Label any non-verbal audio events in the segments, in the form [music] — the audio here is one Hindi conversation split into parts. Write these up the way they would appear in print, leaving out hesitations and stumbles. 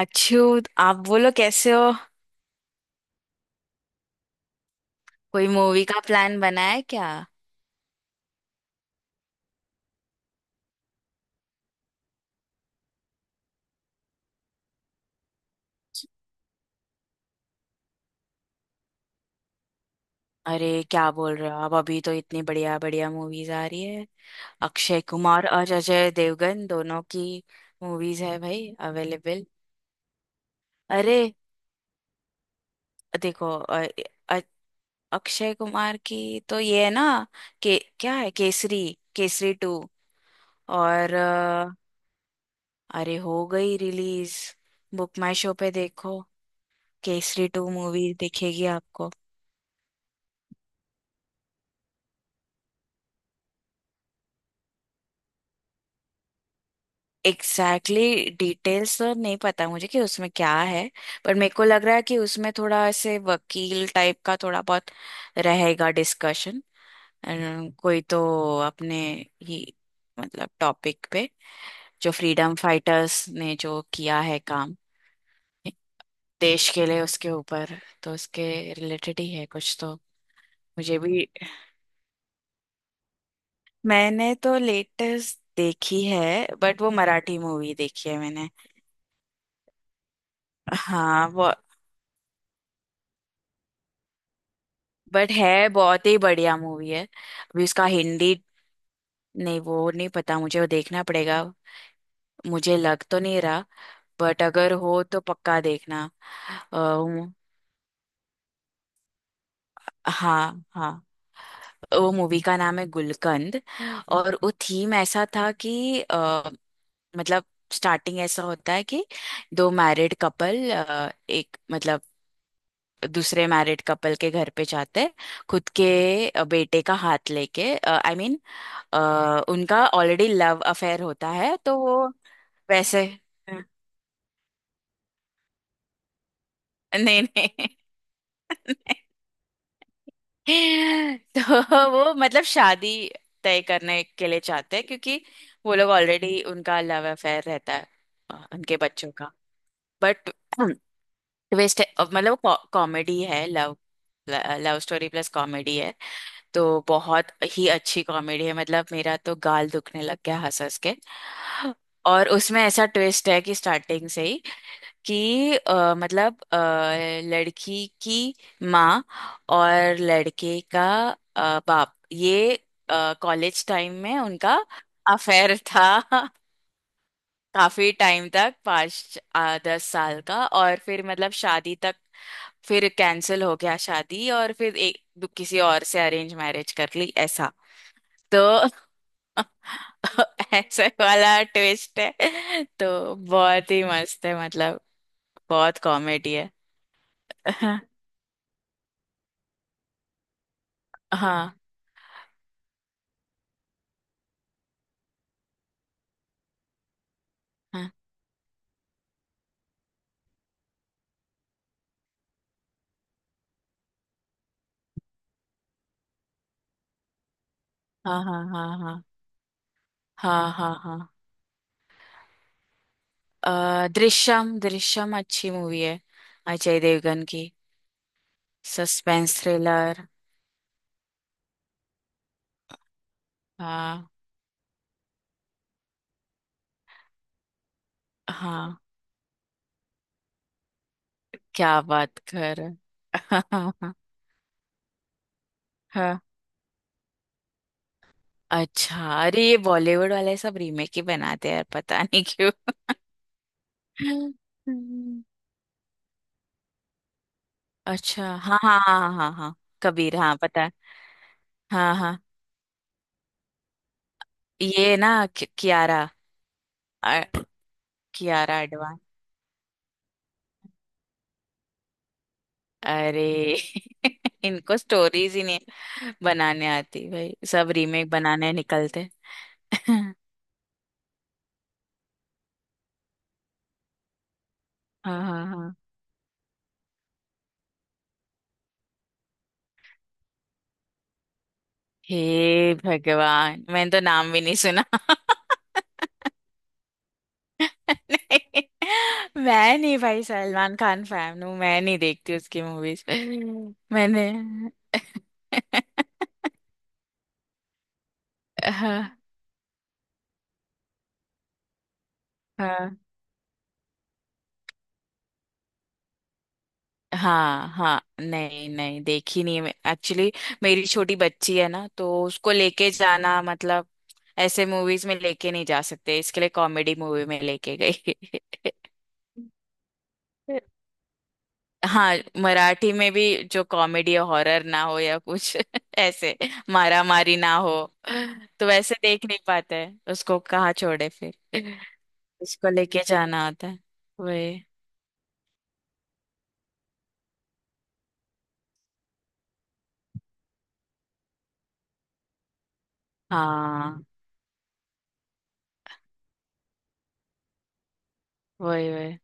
अच्छू। आप बोलो कैसे हो। कोई मूवी का प्लान बना है क्या। अरे क्या बोल रहे हो आप, अभी तो इतनी बढ़िया बढ़िया मूवीज आ रही है। अक्षय कुमार और अजय देवगन दोनों की मूवीज है भाई अवेलेबल। अरे देखो, अ- अक्षय कुमार की तो ये है ना, के क्या है, केसरी, केसरी टू। और अरे हो गई रिलीज। बुक माई शो पे देखो, केसरी टू मूवी दिखेगी आपको। एग्जैक्टली exactly, डिटेल्स तो नहीं पता मुझे कि उसमें क्या है। पर मेरे को लग रहा है कि उसमें थोड़ा ऐसे वकील टाइप का थोड़ा बहुत रहेगा डिस्कशन। कोई तो अपने ही मतलब टॉपिक पे, जो फ्रीडम फाइटर्स ने जो किया है काम देश के लिए उसके ऊपर तो उसके रिलेटेड ही है कुछ तो। मुझे भी, मैंने तो लेटेस्ट देखी है, बट वो मराठी मूवी देखी है मैंने। हाँ। बट है, बहुत ही बढ़िया मूवी है अभी उसका हिंदी। नहीं वो नहीं पता मुझे, वो देखना पड़ेगा। मुझे लग तो नहीं रहा, बट अगर हो तो पक्का देखना। अ, वो- हाँ हाँ। वो मूवी का नाम है गुलकंद। और वो थीम ऐसा था कि मतलब स्टार्टिंग ऐसा होता है कि दो मैरिड कपल, एक मतलब दूसरे मैरिड कपल के घर पे जाते हैं, खुद के बेटे का हाथ लेके, आई मीन अ, उनका ऑलरेडी लव अफेयर होता है तो वो वैसे। [laughs] नहीं नहीं। तो वो मतलब शादी तय करने के लिए चाहते हैं क्योंकि वो लोग ऑलरेडी उनका लव अफेयर रहता है, उनके बच्चों का। बट ट्विस्ट है अब, मतलब कॉमेडी है, love love story plus comedy है। तो बहुत ही अच्छी कॉमेडी है, मतलब मेरा तो गाल दुखने लग गया हंस हंस के। और उसमें ऐसा ट्विस्ट है कि स्टार्टिंग से ही कि लड़की की माँ और लड़के का बाप ये कॉलेज टाइम में उनका अफेयर था। [laughs] काफी टाइम तक, पाँच दस साल का, और फिर मतलब शादी तक। फिर कैंसिल हो गया शादी, और फिर किसी और से अरेंज मैरिज कर ली, ऐसा। तो [laughs] ऐसे वाला ट्विस्ट है, तो बहुत ही मस्त है, मतलब बहुत कॉमेडी है। [laughs] हाँ हाँ हाँ हाँ हाँ हाँ हाँ हाँ हाँ। दृश्यम, दृश्यम अच्छी मूवी है, अजय देवगन की। Suspense thriller. हाँ हाँ, क्या बात कर। [laughs] हाँ हाँ, अच्छा। अरे ये बॉलीवुड वाले सब रीमेक ही बनाते हैं यार, पता नहीं क्यों। [laughs] हम्म, अच्छा हाँ हाँ हाँ हाँ हाँ हाँ। कबीर, हाँ पता है। हाँ हाँ, ये ना कियारा, अ, कियारा आडवाणी। अरे [laughs] इनको स्टोरीज ही नहीं बनाने आती भाई, सब रीमेक बनाने निकलते। [laughs] हाँ हाँ हाँ। हे भगवान, मैंने तो नाम भी नहीं सुना। [laughs] [laughs] नहीं, मैं नहीं भाई, सलमान खान फैन हूँ मैं, नहीं देखती उसकी मूवीज। [laughs] मैंने, हाँ हाँ हाँ हाँ। नहीं नहीं देखी नहीं है एक्चुअली। मेरी छोटी बच्ची है ना, तो उसको लेके जाना मतलब ऐसे मूवीज में लेके नहीं जा सकते, इसके लिए कॉमेडी मूवी में लेके गई। [laughs] हाँ, मराठी में भी जो कॉमेडी या हॉरर ना हो या कुछ [laughs] ऐसे मारा मारी ना हो, तो वैसे देख नहीं पाते हैं, उसको कहाँ छोड़े फिर, उसको लेके जाना होता है। वही। हाँ। वही वही।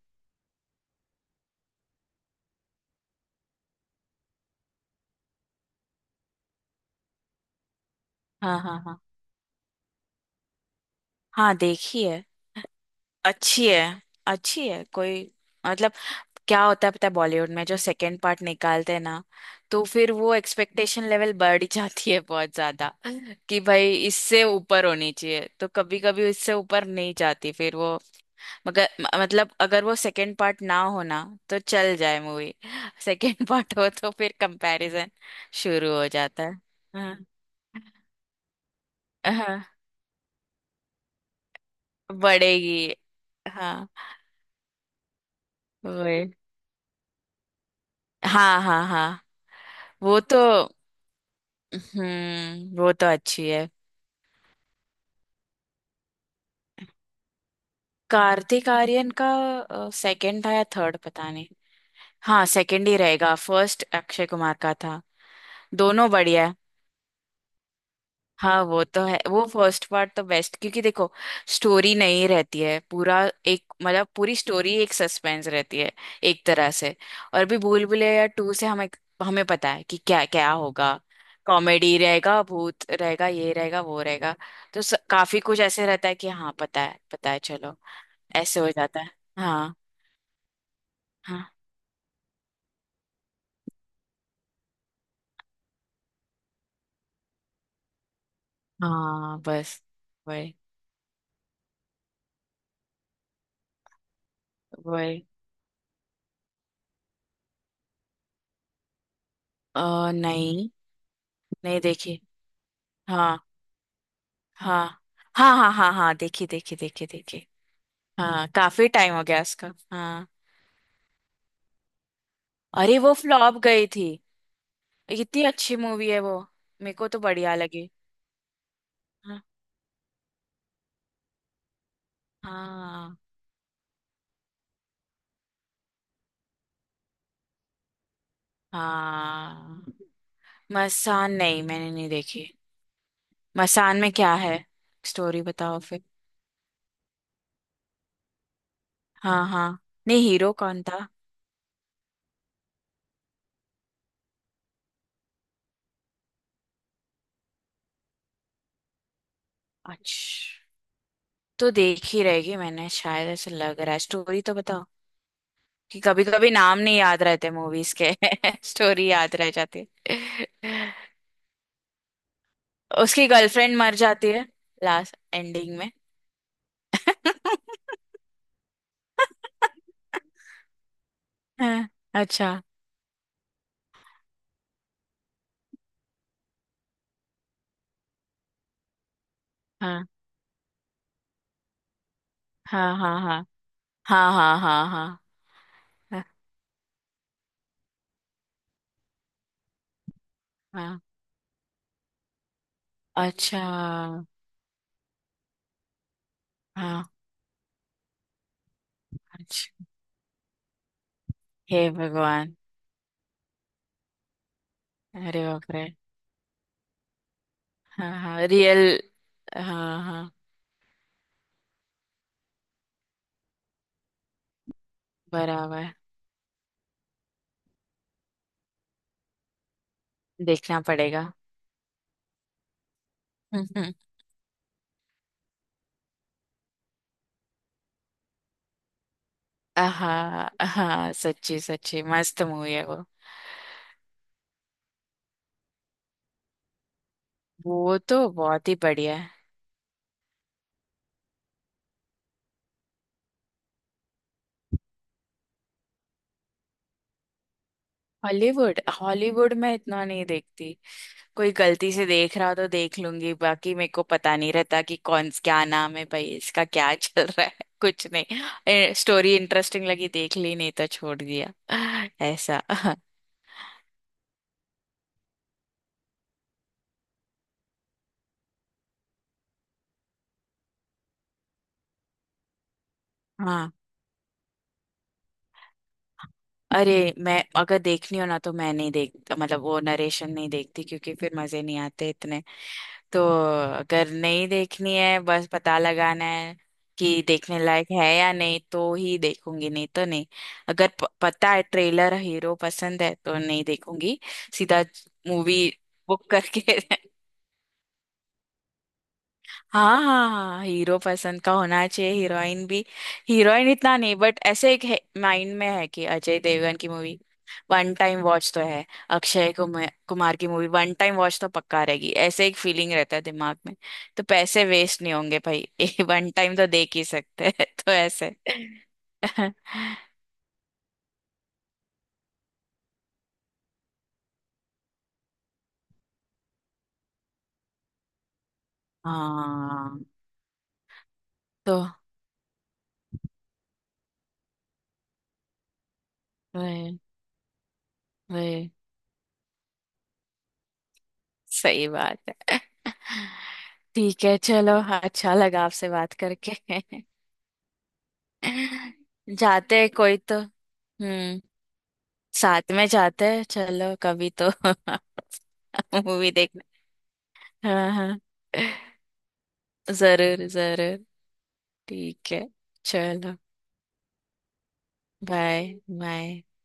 हाँ हाँ हाँ हाँ, देखी है। अच्छी है, अच्छी है, कोई मतलब क्या होता है पता है, बॉलीवुड में जो सेकंड पार्ट निकालते हैं ना, तो फिर वो एक्सपेक्टेशन लेवल बढ़ जाती है बहुत ज्यादा, कि भाई इससे ऊपर होनी चाहिए, तो कभी कभी इससे ऊपर नहीं जाती फिर वो। मतलब अगर वो सेकंड पार्ट ना हो ना, तो चल जाए मूवी। सेकंड पार्ट [laughs] हो तो फिर कंपैरिजन शुरू हो जाता है। हाँ हाँ, बढ़ेगी। हाँ, वही। हाँ हाँ हाँ। वो तो, हम्म, वो तो अच्छी है। कार्तिक आर्यन का सेकंड था या थर्ड, पता नहीं। हाँ सेकंड ही रहेगा, फर्स्ट अक्षय कुमार का था। दोनों बढ़िया है। हाँ वो तो है, वो फर्स्ट पार्ट तो बेस्ट क्योंकि देखो स्टोरी नहीं रहती है पूरा, एक मतलब पूरी स्टोरी एक सस्पेंस रहती है एक तरह से। और भी, भूल भुलैया टू से हमें हमें पता है कि क्या क्या होगा, कॉमेडी रहेगा, भूत रहेगा, ये रहेगा, वो रहेगा, तो काफी कुछ ऐसे रहता है कि हाँ पता है, पता है, चलो ऐसे हो जाता है। हाँ हाँ। हाँ बस, वही वही। अ नहीं नहीं देखी। हाँ हाँ हाँ हाँ हाँ हाँ, देखी देखी देखी देखी। हाँ काफी टाइम हो गया उसका, हाँ। अरे वो फ्लॉप गई थी, इतनी अच्छी मूवी है वो, मेरे को तो बढ़िया लगी। हाँ हाँ हाँ। मसान नहीं, मैंने नहीं देखी। मसान में क्या है, स्टोरी बताओ फिर। हाँ हाँ, नहीं हीरो कौन था। अच्छा, तो देख ही रहेगी मैंने शायद, ऐसा लग रहा है, स्टोरी तो बताओ, कि कभी कभी नाम नहीं याद रहते मूवीज के। [laughs] स्टोरी याद रह जाती है। उसकी गर्लफ्रेंड मर जाती है लास्ट एंडिंग में। [laughs] हाँ, अच्छा। हाँ हाँ हाँ हाँ हाँ हाँ हाँ हाँ हाँ हाँ, अच्छा, हाँ, अच्छा, हे भगवान, अरे बाप रे। हाँ हाँ रियल। हाँ हाँ, बराबर। देखना पड़ेगा। [laughs] हाँ हाँ, सच्ची सच्ची मस्त मूवी है वो। वो तो बहुत ही बढ़िया है। हॉलीवुड, हॉलीवुड में इतना नहीं देखती, कोई गलती से देख रहा हो तो देख लूंगी, बाकी मेरे को पता नहीं रहता कि कौन क्या नाम है भाई, इसका क्या [laughs] चल रहा है। कुछ नहीं, स्टोरी इंटरेस्टिंग लगी देख ली, नहीं तो छोड़ दिया [laughs] ऐसा। हाँ, अरे, मैं अगर देखनी हो ना तो मैं नहीं देख, मतलब वो नरेशन नहीं देखती क्योंकि फिर मजे नहीं आते इतने। तो अगर नहीं देखनी है, बस पता लगाना है कि देखने लायक है या नहीं, तो ही देखूंगी नहीं तो नहीं। अगर पता है ट्रेलर, हीरो पसंद है तो नहीं देखूंगी, सीधा मूवी बुक करके। [laughs] हाँ हाँ हाँ, हीरो पसंद का होना चाहिए, हीरोइन भी। हीरोइन इतना नहीं, बट ऐसे एक माइंड में है कि अजय देवगन की मूवी वन टाइम वॉच तो है, अक्षय कुमार कुमार की मूवी वन टाइम वॉच तो पक्का रहेगी, ऐसे एक फीलिंग रहता है दिमाग में। तो पैसे वेस्ट नहीं होंगे भाई, [laughs] वन टाइम तो देख ही सकते हैं, [laughs] तो ऐसे। [laughs] हाँ, तो वही वही सही बात है। [laughs] ठीक है चलो, अच्छा लगा आपसे बात करके। [laughs] जाते हैं कोई तो, हम्म, साथ में जाते हैं चलो कभी तो, [laughs] मूवी देखने। हाँ हाँ, जरूर जरूर। ठीक है चलो। बाय। बाय।